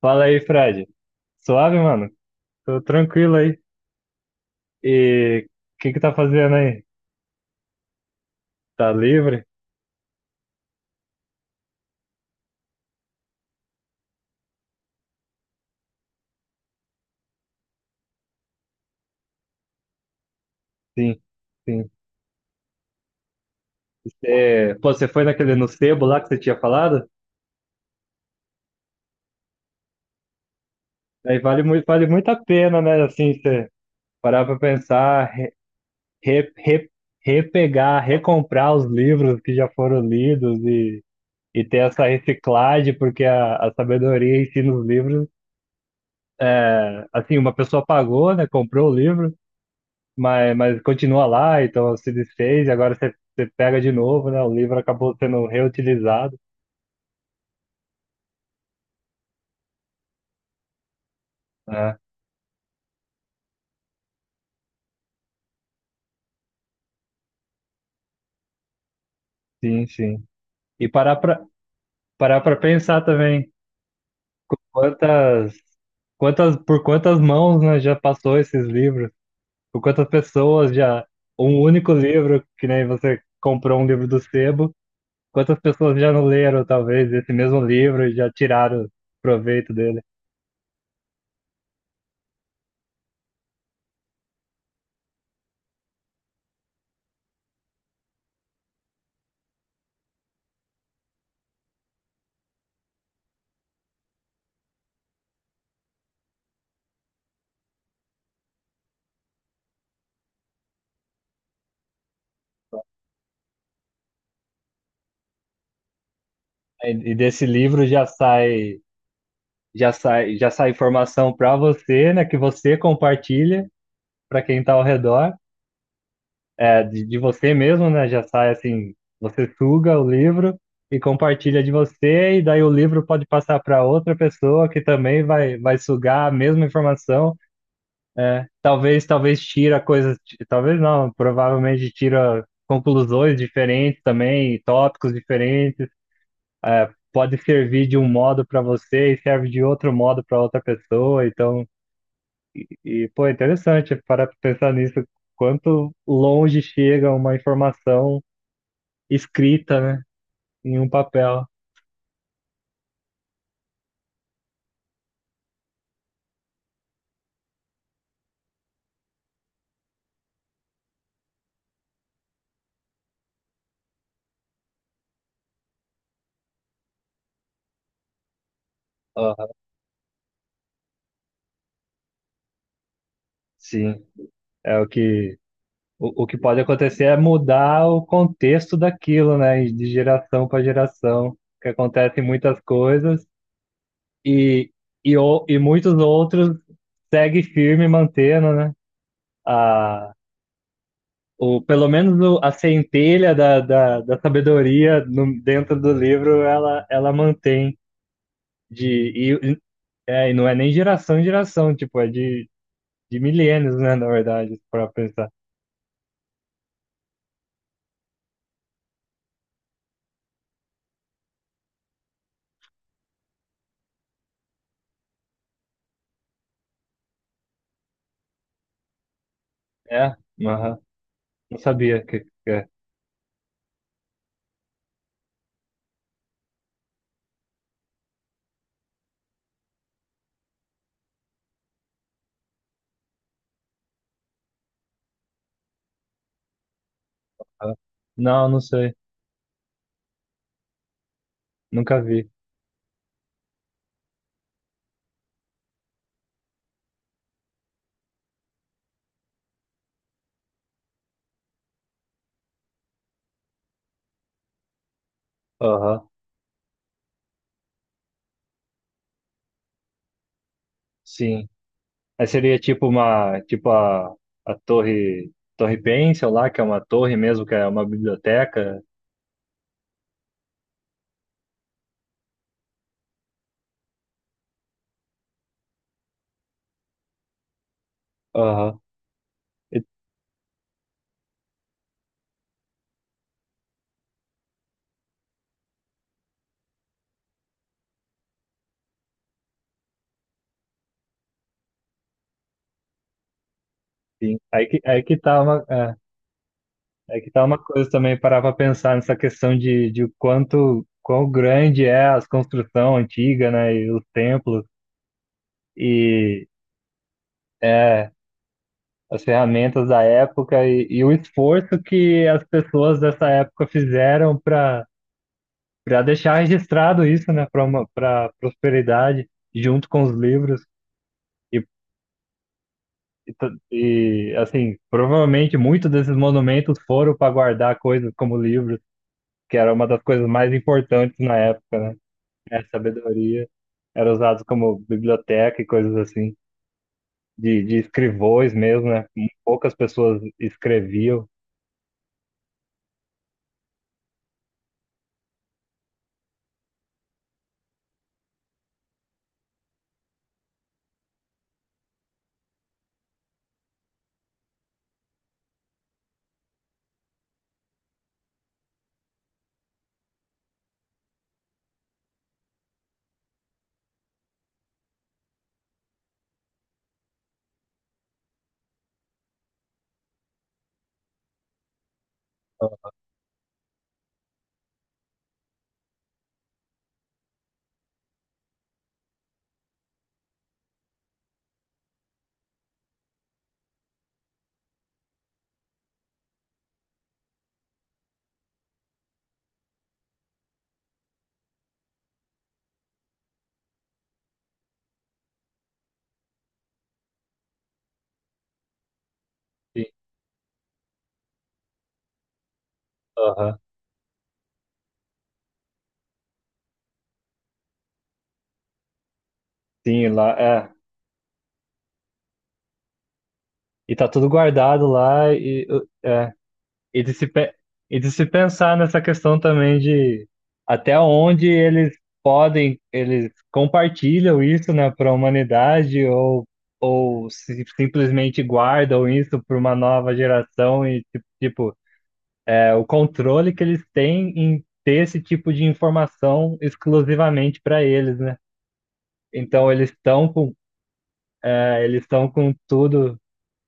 Fala aí, Fred. Suave, mano? Tô tranquilo aí. E o que que tá fazendo aí? Tá livre? Sim, sim. É, pô, você foi naquele no sebo lá que você tinha falado? Aí vale muito, vale muito a pena, né? Assim, você parar pra pensar, re, re- repegar, recomprar os livros que já foram lidos e ter essa reciclagem, porque a sabedoria em si nos livros, é, assim, uma pessoa pagou, né? Comprou o livro mas continua lá, então se desfez e agora você pega de novo, né? O livro acabou sendo reutilizado. Ah, sim, sim. E parar para pensar também quantas, por quantas mãos, né, já passou esses livros, por quantas pessoas já, um único livro, que nem você comprou um livro do sebo, quantas pessoas já não leram, talvez, esse mesmo livro e já tiraram proveito dele. E desse livro já sai informação para você, né, que você compartilha para quem está ao redor, é, de você mesmo, né, já sai assim, você suga o livro e compartilha de você, e daí o livro pode passar para outra pessoa que também vai sugar a mesma informação, talvez tira coisas, talvez não, provavelmente tira conclusões diferentes também, tópicos diferentes, pode servir de um modo para você e serve de outro modo para outra pessoa, então. E, pô, é interessante parar para pensar nisso, quanto longe chega uma informação escrita, né, em um papel. Aham. Sim, é o que o que pode acontecer é mudar o contexto daquilo, né, de geração para geração, que acontecem muitas coisas e e muitos outros seguem firme mantendo, né, a o pelo menos o, a centelha da sabedoria no, dentro do livro ela mantém. De, e, e não é nem geração em geração, tipo, é de milênios, né, na verdade, pra pensar. É? Aham. Não sabia que é. Aham. Não, não sei. Nunca vi. Aham. Sim. Aí seria tipo a torre Pencil lá, que é uma torre mesmo, que é uma biblioteca. Aham. E- Sim. Aí que tá uma, é, aí que tá uma coisa também, parar pra pensar nessa questão de quão grande é as construção antiga, né, e os templos e é, as ferramentas da época e o esforço que as pessoas dessa época fizeram para deixar registrado isso, né, para prosperidade junto com os livros e, e assim, provavelmente muitos desses monumentos foram para guardar coisas como livros, que era uma das coisas mais importantes na época, né? A sabedoria era usado como biblioteca e coisas assim, de escrivões mesmo, né? Poucas pessoas escreviam. Sim, aham. Sim, lá, é. E tá tudo guardado lá e, é. E de se de se pensar nessa questão também de até onde eles podem, eles compartilham isso, né, para a humanidade ou simplesmente guardam isso para uma nova geração e, tipo, é, o controle que eles têm em ter esse tipo de informação exclusivamente para eles, né? Então eles estão com tudo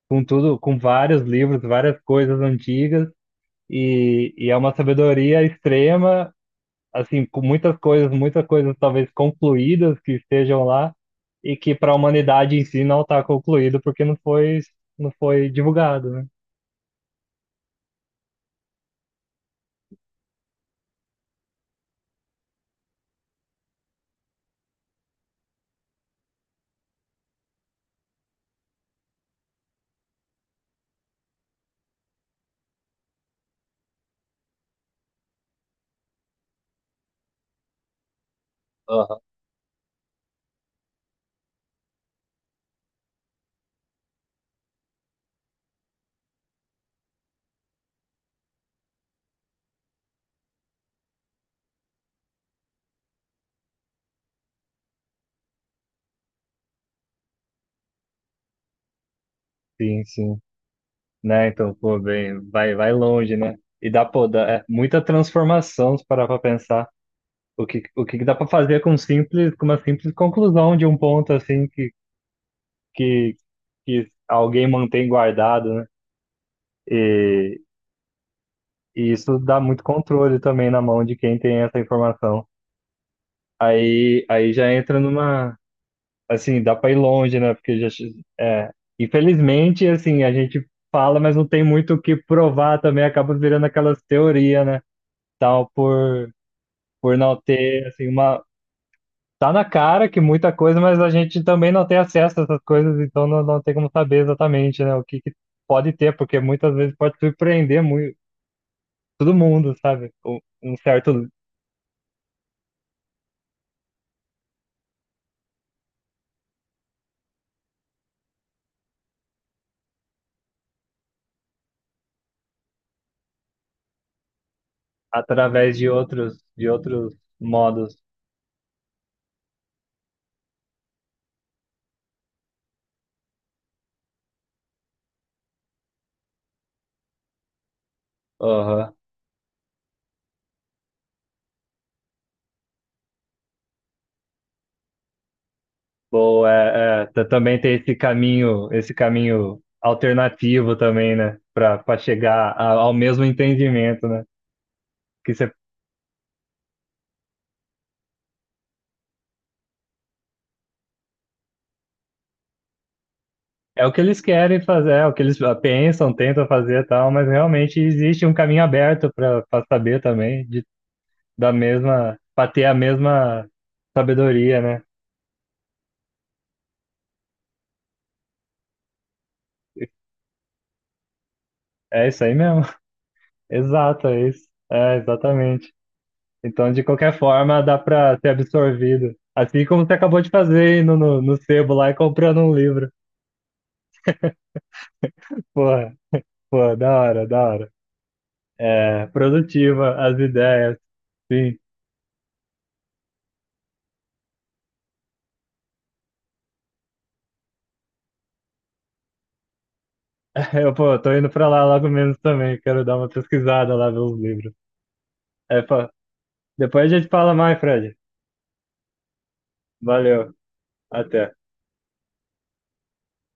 com tudo, com vários livros, várias coisas antigas, e é uma sabedoria extrema, assim, com muitas coisas talvez concluídas que estejam lá, e que para a humanidade em si não está concluído porque não foi divulgado, né? Aham. Sim, sim. Né? Então, pô, bem, vai longe, né? E dá, é muita transformação se parar pra pensar. O que que dá para fazer com com uma simples conclusão de um ponto assim que, que alguém mantém guardado, né? E, e isso dá muito controle também na mão de quem tem essa informação. Aí, já entra numa, assim, dá para ir longe, né? Porque já, é, infelizmente, assim, a gente fala, mas não tem muito o que provar também, acaba virando aquelas teorias, né? Tal por não ter assim uma... Tá na cara que muita coisa, mas a gente também não tem acesso a essas coisas, então não tem como saber exatamente, né? O que que pode ter, porque muitas vezes pode surpreender muito todo mundo, sabe? Um certo, através de outros modos. Aham. Boa, também tem esse caminho alternativo também, né? Para chegar ao mesmo entendimento, né? Que cê- É o que eles querem fazer, é o que eles pensam, tentam fazer, e tal, mas realmente existe um caminho aberto para saber também, para ter a mesma sabedoria, né? É isso aí mesmo. Exato, é isso. É, exatamente. Então, de qualquer forma, dá para ser absorvido. Assim como você acabou de fazer indo no sebo lá e comprando um livro. Porra, pô, da hora, da hora. É, produtiva as ideias. Sim. Eu, pô, tô indo pra lá logo menos também. Quero dar uma pesquisada lá, ver os livros. É, pô, depois a gente fala mais, Fred. Valeu. Até.